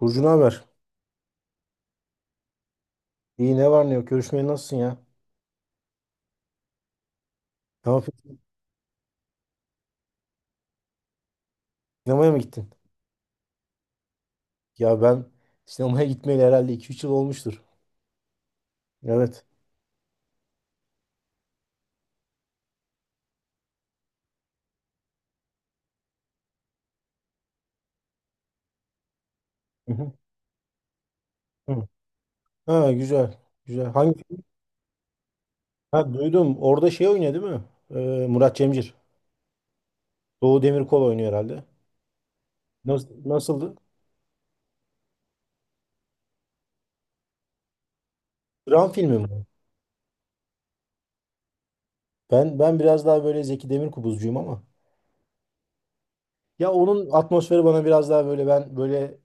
Burcu ne haber? İyi ne var ne yok? Görüşmeye nasılsın ya? Ne yapıyorsun? Sinemaya mı gittin? Ya ben sinemaya gitmeyeli herhalde iki üç yıl olmuştur. Evet. Hı hı. Hı. Ha güzel. Güzel. Hangi film? Ha duydum. Orada şey oynuyor değil mi? Murat Cemcir. Doğu Demirkol oynuyor herhalde. Nasıl, nasıldı? Dram filmi mi? Ben biraz daha böyle Zeki Demirkubuzcuyum ama. Ya onun atmosferi bana biraz daha böyle ben böyle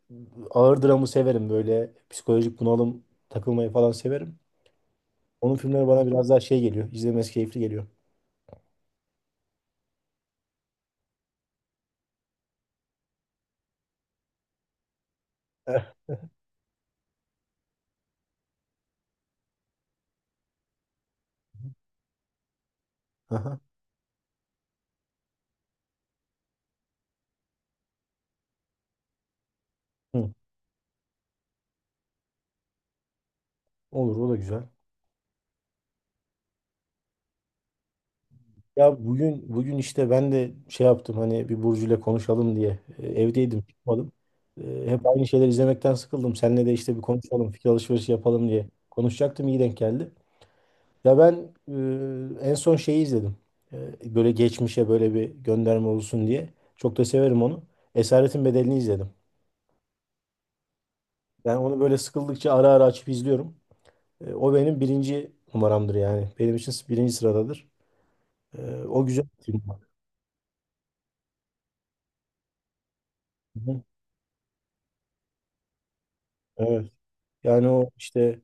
ağır dramı severim. Böyle psikolojik bunalım takılmayı falan severim. Onun filmleri bana biraz daha şey geliyor. İzlemesi keyifli geliyor. Eh. Aha. Hı. Olur o da güzel. Ya bugün işte ben de şey yaptım hani bir Burcu'yla konuşalım diye. Evdeydim çıkmadım. Hep aynı şeyler izlemekten sıkıldım. Seninle de işte bir konuşalım, fikir alışverişi yapalım diye. Konuşacaktım, iyi denk geldi. Ya ben en son şeyi izledim. Böyle geçmişe böyle bir gönderme olsun diye. Çok da severim onu. Esaretin Bedeli'ni izledim. Ben onu böyle sıkıldıkça ara ara açıp izliyorum. O benim birinci numaramdır yani. Benim için birinci sıradadır. O güzel bir film var. Hı hı. Evet. Yani o işte,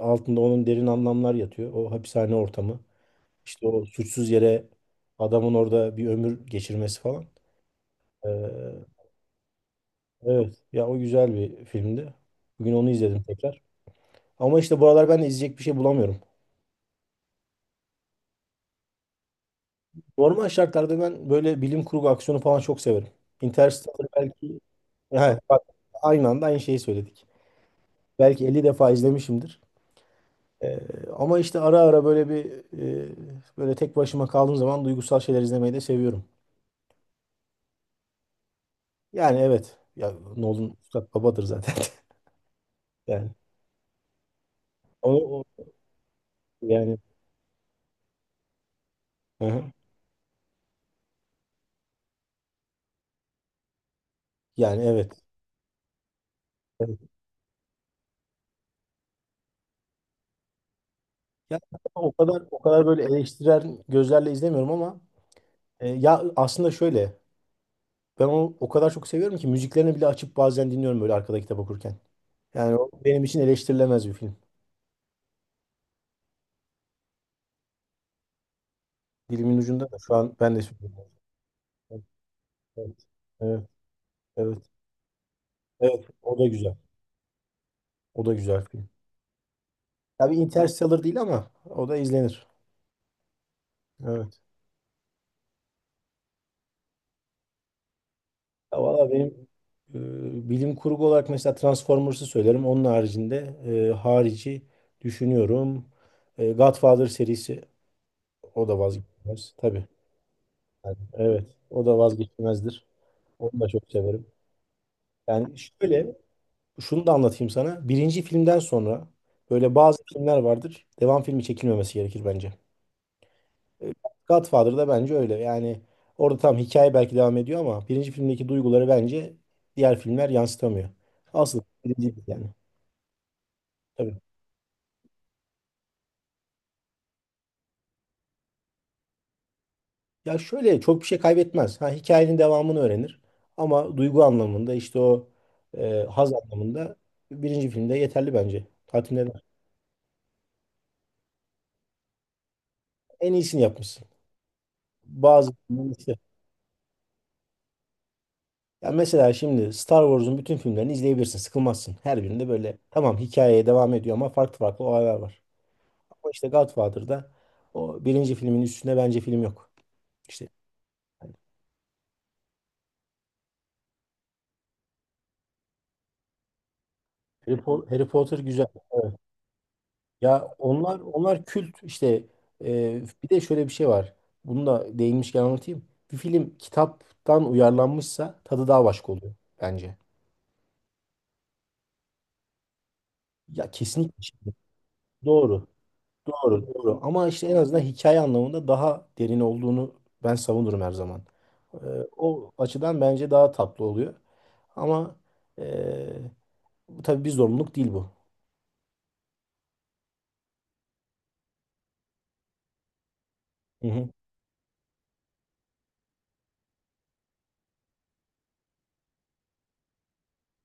altında onun derin anlamlar yatıyor. O hapishane ortamı. İşte o suçsuz yere adamın orada bir ömür geçirmesi falan. E, evet. Ya o güzel bir filmdi. Bugün onu izledim tekrar. Ama işte bu aralar ben de izleyecek bir şey bulamıyorum. Normal şartlarda ben böyle bilim kurgu, aksiyonu falan çok severim. Interstellar belki. He, bak, aynı anda aynı şeyi söyledik. Belki 50 defa izlemişimdir. Ee, ama işte ara ara böyle bir e, böyle tek başıma kaldığım zaman duygusal şeyler izlemeyi de seviyorum. Yani evet. Ya Nolan Üstad babadır zaten. Yani onu o- yani. Hı hı. Evet. Evet. Ya o kadar böyle eleştiren gözlerle izlemiyorum ama ya aslında şöyle, ben onu o kadar çok seviyorum ki müziklerini bile açıp bazen dinliyorum, böyle arkada kitap okurken. Yani o benim için eleştirilemez bir film. Dilimin ucunda, da şu an ben de söylüyorum. Evet, evet, evet, evet. Evet, o da güzel. O da güzel film. Tabii Interstellar değil ama o da izlenir. Evet. Ya valla benim bilim kurgu olarak mesela Transformers'ı söylerim. Onun haricinde harici düşünüyorum. Godfather serisi, o da vazgeçilmez tabii. Yani, evet. O da vazgeçilmezdir. Onu da çok severim. Yani şöyle, şunu da anlatayım sana. Birinci filmden sonra böyle bazı filmler vardır, devam filmi çekilmemesi gerekir bence. E, Godfather'da bence öyle. Yani orada tam hikaye belki devam ediyor ama birinci filmdeki duyguları bence diğer filmler yansıtamıyor. Asıl birinci film yani. Tabii. Ya şöyle, çok bir şey kaybetmez. Ha, hikayenin devamını öğrenir. Ama duygu anlamında, işte o haz anlamında, birinci filmde yeterli bence. Tatmin eder. En iyisini yapmışsın. Bazı Ya mesela şimdi Star Wars'un bütün filmlerini izleyebilirsin. Sıkılmazsın. Her birinde böyle tamam, hikayeye devam ediyor ama farklı farklı olaylar var. Ama işte Godfather'da o birinci filmin üstünde bence film yok. İşte hani Harry Potter güzel. Ya onlar kült işte. Bir de şöyle bir şey var. Bunu da değinmişken anlatayım. Bir film kitaptan uyarlanmışsa tadı daha başka oluyor bence. Ya kesinlikle şimdi. Doğru. Doğru, doğru. Ama işte en azından hikaye anlamında daha derin olduğunu ben savunurum her zaman. Ee, o açıdan bence daha tatlı oluyor. Ama ee, bu tabii bir zorunluluk değil bu. Hı hı,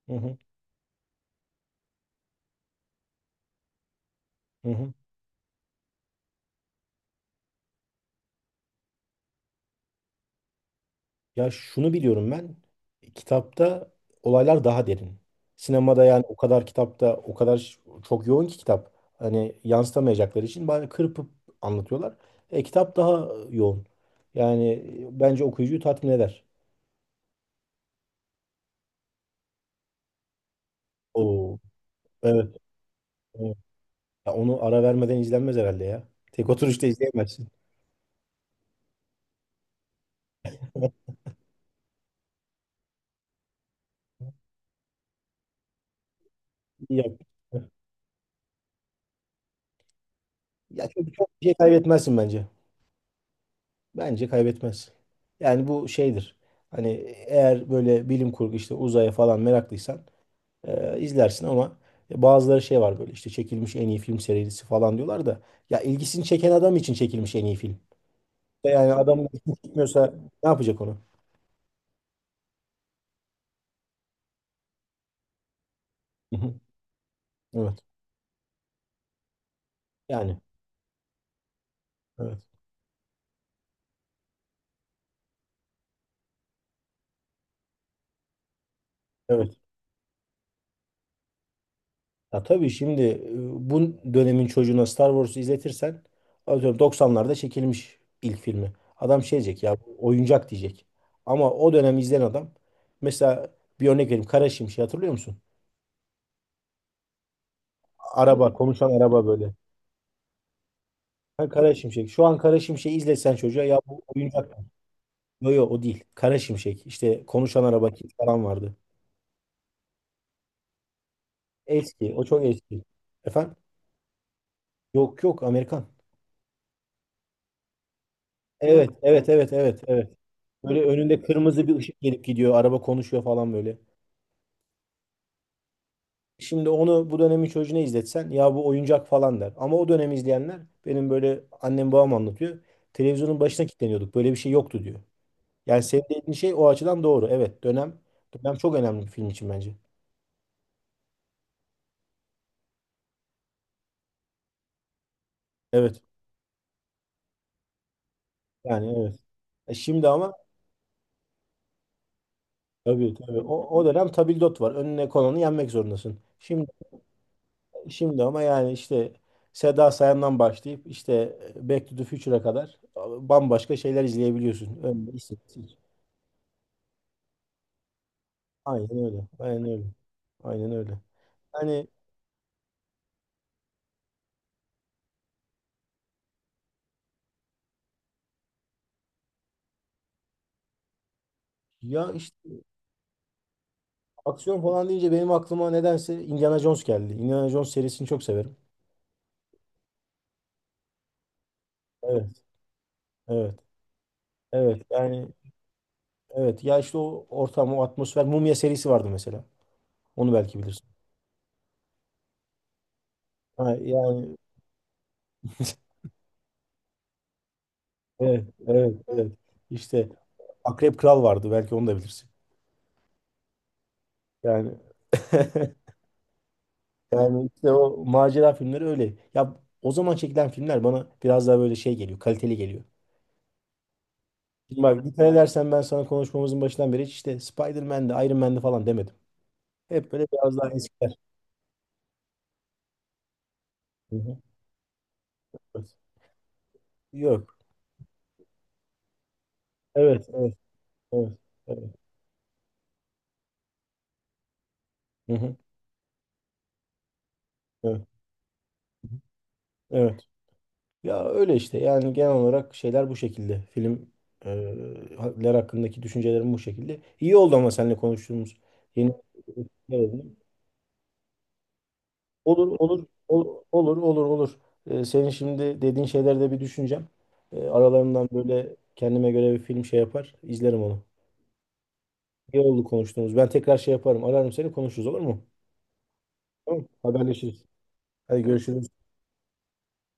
hı hı, hı hı. Ya şunu biliyorum ben. Kitapta olaylar daha derin. Sinemada yani o kadar, kitapta o kadar çok yoğun ki kitap. Hani yansıtamayacakları için bari kırpıp anlatıyorlar. Kitap daha yoğun. Yani bence okuyucuyu tatmin eder. Oo, evet. Ya onu ara vermeden izlenmez herhalde ya. Tek oturuşta izleyemezsin. İyi yap. Ya çok, çok bir şey kaybetmezsin bence. Bence kaybetmez. Yani bu şeydir. Hani eğer böyle bilim kurgu, işte uzaya falan meraklıysan izlersin ama. Bazıları şey var, böyle işte çekilmiş en iyi film serisi falan diyorlar da ya, ilgisini çeken adam için çekilmiş en iyi film. Yani adam gitmiyorsa ne yapacak onu? Hı hı. Evet. Yani. Evet. Evet. Ya tabii şimdi bu dönemin çocuğuna Star Wars'u izletirsen, atıyorum doksanlarda çekilmiş ilk filmi, adam şey diyecek, ya bu oyuncak diyecek. Ama o dönem izleyen adam, mesela bir örnek vereyim, Kara Şimşek hatırlıyor musun? Konuşan araba böyle. Ha, Kara Şimşek. Şu an Kara Şimşek'i izlesen çocuğa, ya bu oyuncak. Yo yo, o değil. Kara Şimşek. İşte konuşan araba falan vardı. Eski. O çok eski. Efendim? Yok yok, Amerikan. Evet evet evet evet evet. Böyle önünde kırmızı bir ışık gelip gidiyor. Araba konuşuyor falan böyle. Şimdi onu bu dönemin çocuğuna izletsen, ya bu oyuncak falan der. Ama o dönem izleyenler, benim böyle annem babam anlatıyor, televizyonun başına kilitleniyorduk, böyle bir şey yoktu diyor. Yani senin dediğin şey o açıdan doğru. Evet, dönem dönem çok önemli bir film için bence. Evet yani evet. Şimdi ama tabii tabii, o dönem tabildot var. Önüne konanı yenmek zorundasın. Şimdi ama yani işte Seda Sayan'dan başlayıp işte Back to the Future'a kadar bambaşka şeyler izleyebiliyorsun. Öyle hissettim. Aynen öyle. Aynen öyle. Aynen öyle. Yani ya işte, aksiyon falan deyince benim aklıma nedense Indiana Jones geldi. Indiana Jones serisini çok severim. Evet. Evet. Evet. Yani evet. Ya işte o ortam, o atmosfer. Mumya serisi vardı mesela. Onu belki bilirsin. Ha, yani evet. Evet. Evet. İşte Akrep Kral vardı. Belki onu da bilirsin. Yani yani işte o macera filmleri öyle. Ya o zaman çekilen filmler bana biraz daha böyle şey geliyor, kaliteli geliyor. Şimdi bak, dikkat edersen ben sana konuşmamızın başından beri hiç işte Spider-Man'de, Iron Man'de falan demedim. Hep böyle biraz daha eskiler. Hı hı. Evet. Yok. Evet, evet, evet, evet. Hı hı. Evet, evet. Ya öyle işte, yani genel olarak şeyler bu şekilde. Film e, ler hakkındaki düşüncelerim bu şekilde. İyi oldu ama seninle konuştuğumuz, yeni evet. Olur, olur, olur, olur, olur. Senin şimdi dediğin şeyler de bir düşüneceğim. Aralarından böyle kendime göre bir film şey yapar, izlerim onu. İyi oldu konuştuğumuz. Ben tekrar şey yaparım, ararım seni, konuşuruz olur mu? Tamam, haberleşiriz. Hadi görüşürüz.